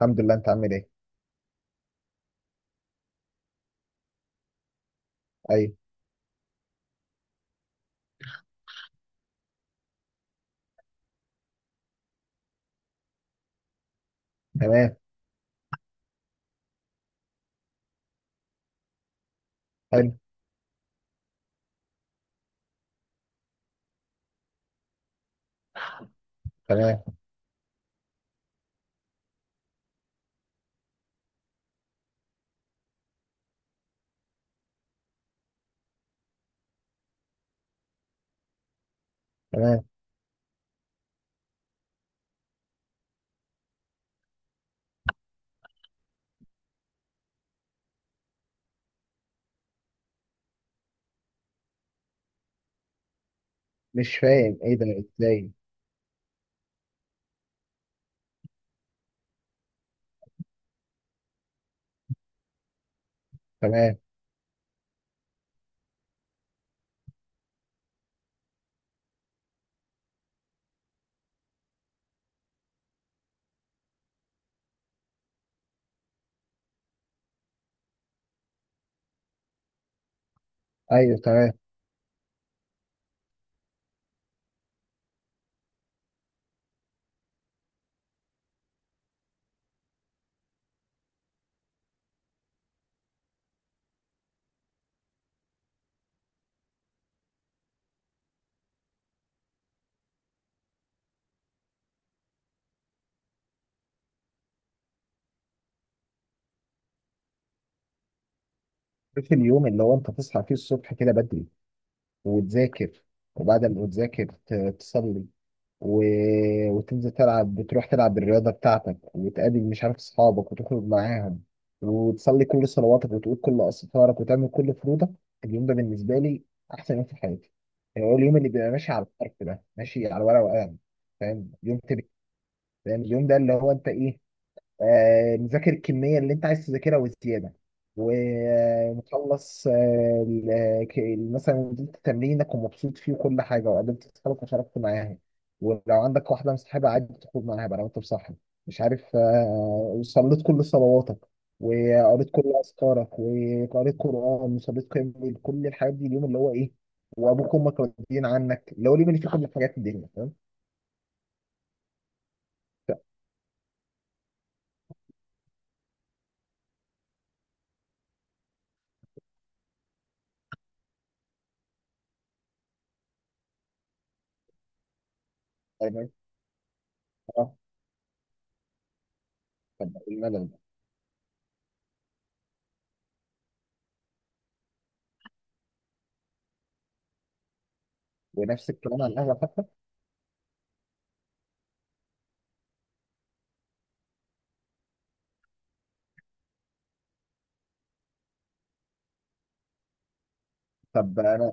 الحمد لله، انت عامل ايه؟ ايوه. تمام. حلو. تمام. تمام. مش فاهم ايه ده، ازاي؟ تمام. ايوه تمام. في اليوم اللي هو انت تصحى فيه الصبح كده بدري وتذاكر، وبعد ما تذاكر تصلي و... وتنزل تلعب، بتروح تلعب الرياضه بتاعتك وتقابل مش عارف اصحابك وتخرج معاهم، وتصلي كل صلواتك وتقول كل استغفارك وتعمل كل فروضك. اليوم ده بالنسبه لي احسن يوم في حياتي، يعني هو اليوم اللي بيبقى ماشي على الحرف ده، ماشي على ورقه وقلم. فاهم يوم تبقى فاهم اليوم ده اللي هو انت ايه، مذاكر الكميه اللي انت عايز تذاكرها وزياده، ومخلص مثلا نزلت تمرينك ومبسوط فيه وكل حاجه، وقابلت اصحابك وشاركت معاهم، ولو عندك واحده مصاحبه عادي تخرج معاها بقى لو انت مصاحب، مش عارف وصليت كل صلواتك وقريت كل اذكارك وقريت قران وصليت قيام الليل، كل الحاجات دي اليوم اللي هو ايه، وابوك وامك راضيين عنك، اللي هو اليوم اللي فيه كل حاجات الدنيا، فاهم؟ ف- يعني- آه، طب الملل، ونفس الكلام على القهوه حتى. طب انا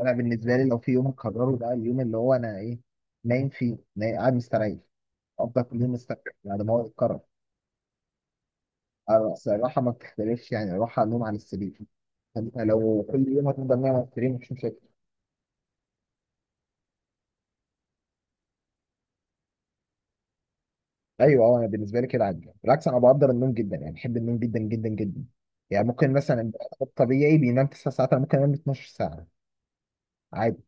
انا بالنسبه لي لو في يوم اقرره بقى، اليوم اللي هو انا ايه، نايم فيه، نايم قاعد مستريح، افضل كل يوم مستريح بعد ما هو يتكرر. أنا أصل الراحه ما بتختلفش، يعني الراحه النوم على السرير. انت لو كل يوم هتفضل نايم على السرير، مش مشاكل. ايوه اه، انا بالنسبه لي كده عادي، بالعكس انا بقدر النوم جدا، يعني بحب النوم جدا جدا جدا. يعني ممكن مثلا البني آدم الطبيعي بينام 9 ساعات، انا ممكن انام 12 ساعه عادي.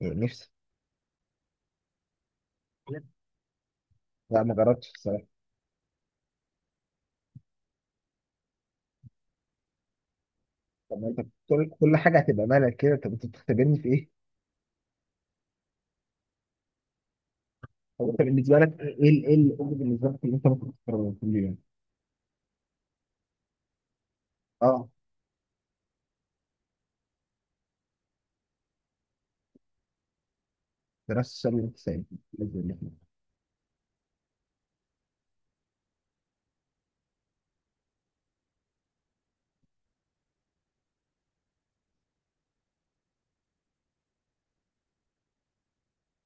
يعني نفسي. لا ما جربتش. طب ما انت كل حاجه هتبقى مالك كده، طب انت بتختبرني في ايه؟ طب انت بالنسبه لك ايه ايه الامر بالنسبه لك اللي انت ممكن تكرره كل يوم؟ اه، دراسه الشر والحساب باذن الله.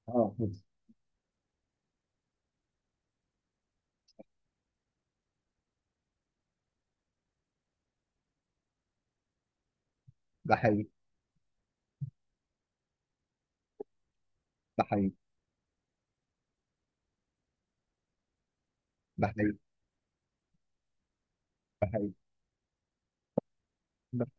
اه بس. ده حقيقي. ده حقيقي. ده حقيقي. ده حقيقي. ده-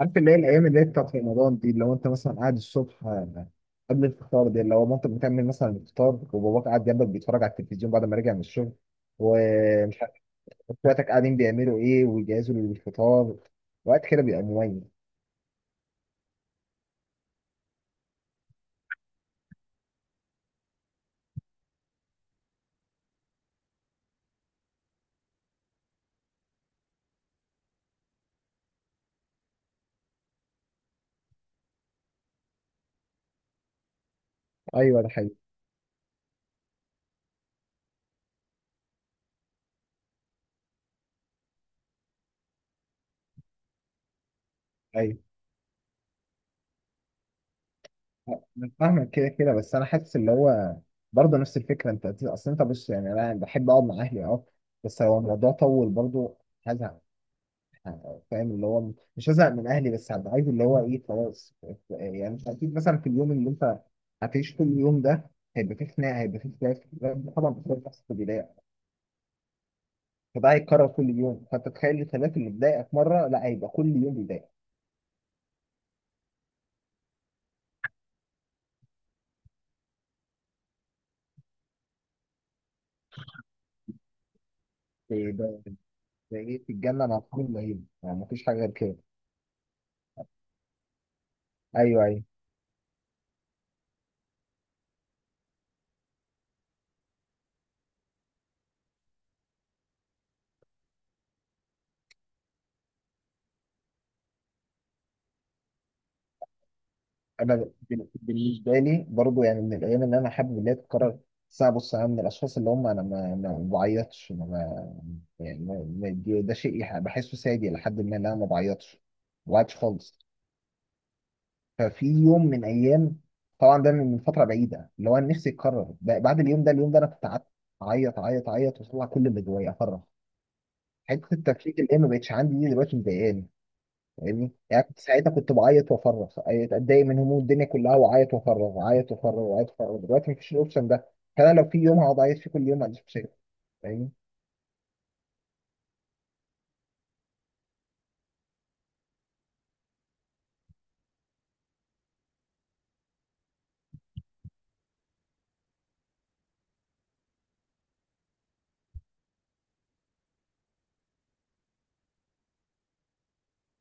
عارف اللي هي الايام اللي هي بتاعت رمضان دي، اللي هو انت مثلا قاعد الصبح، قبل الفطار، دي اللي هو مامتك بتعمل مثلا الفطار، وباباك قاعد جنبك بيتفرج على التلفزيون بعد ما راجع من الشغل، ومش عارف اخواتك قاعدين بيعملوا ايه ويجهزوا للفطار. وقت كده بيبقى مميز. ايوه ده حقيقي. ايوه أنا فاهمك، كده بس انا حاسس اللي هو برضه نفس الفكره. انت اصل انت بص، يعني انا بحب اقعد مع اهلي اه، بس لو الموضوع طول برضه هزهق. فاهم اللي هو مش هزهق من اهلي، بس هبقى عايز اللي هو ايه خلاص. يعني مش اكيد مثلا في اليوم اللي انت هتعيش كل يوم ده هيبقى فيه خناقه، هيبقى فيه خلاف، طبعا بتلاقي بتحصل في البدايه. فده هيتكرر كل يوم، فانت تخيل الخلاف اللي بيضايقك مره، لا هيبقى كل يوم بيضايقك. ده ده ايه، في الجنه مع كل العيله، يعني مفيش حاجه غير كده. ايوه ايوه. انا بالنسبه لي برضو، يعني من الايام اللي انا حابب ان هي تتكرر، بس انا بص انا من الاشخاص اللي هم انا ما بعيطش. أنا ما يعني ده شيء بحسه سادي لحد ما ان انا ما بعيطش، ما بعيطش خالص. ففي يوم من ايام، طبعا ده من فتره بعيده، اللي هو أنا نفسي يتكرر بعد اليوم ده. اليوم ده انا كنت قعدت اعيط اعيط اعيط واطلع كل اللي جوايا افرغ. حته التفكيك اللي هي ما بقتش عندي دي دلوقتي مضايقاني. فاهمني؟ يعني كنت ساعتها كنت بعيط وافرغ، اتضايق من هموم الدنيا كلها وعيط وافرغ، عيط وافرغ، وعيط وافرغ. دلوقتي مفيش الاوبشن ده، فانا لو في يوم هقعد اعيط فيه كل يوم، ما عنديش مشاكل. فاهمني؟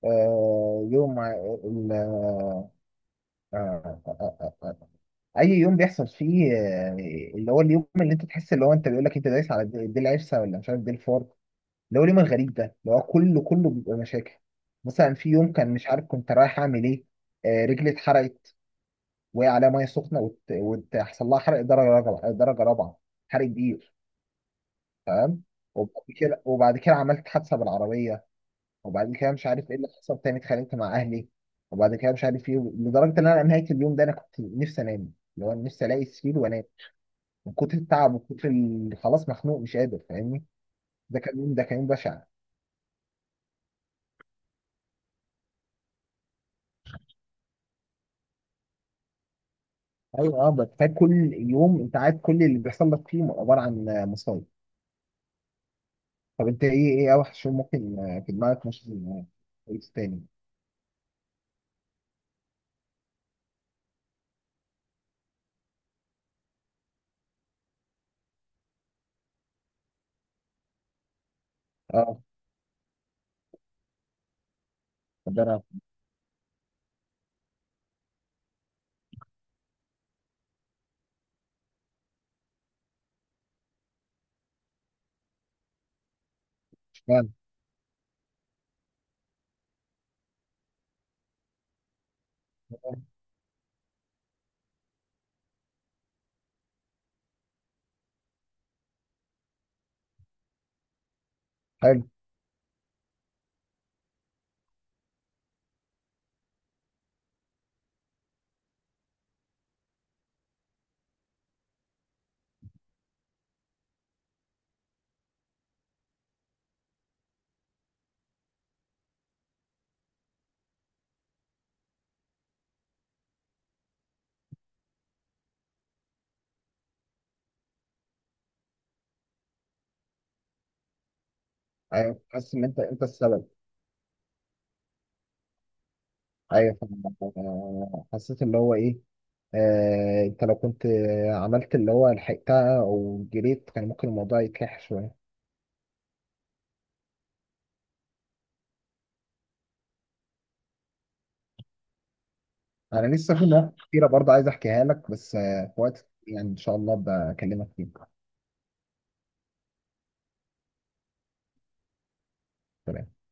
آه يوم ع- ال- آه آه آه آه. آه. اي يوم بيحصل فيه، اللي هو اليوم اللي انت تحس اللي هو انت بيقول لك انت دايس على دي العرسه ولا مش عارف دي الفار، اللي هو اليوم الغريب ده اللي هو كله بيبقى مشاكل. مثلا في يوم كان مش عارف كنت رايح اعمل ايه، رجلي اتحرقت، وقع عليها ميه سخنه وتحصل لها حرق درجه رابعه، درجه رابعه، حرق كبير. تمام. وبعد كده عملت حادثه بالعربيه، وبعد كده مش عارف ايه اللي حصل تاني، اتخانقت مع اهلي، وبعد كده مش عارف ايه، لدرجه ان انا نهايه اليوم ده انا كنت نفسي انام، اللي هو نفسي الاقي سرير وانام من كتر التعب ومن كتر خلاص مخنوق مش قادر. فاهمني؟ ده كان يوم، ده كان يوم بشع. ايوه اه، بس فات كل يوم انت عارف كل اللي بيحصل لك فيه عباره عن مصايب. طب انت ايه، ايه اوحش يوم ممكن في دماغك مش كويس تاني؟ اه. مدرع. اشمعنى؟ حلو. ايوه، حاسس ان انت انت السبب. ايوه فاهم. حسيت اللي هو ايه، انت لو كنت عملت اللي هو لحقتها او جريت، كان ممكن الموضوع يتلح شويه. انا لسه في مواقف كتيره برضه عايز احكيها لك، بس في وقت يعني ان شاء الله بكلمك فيه. تمام.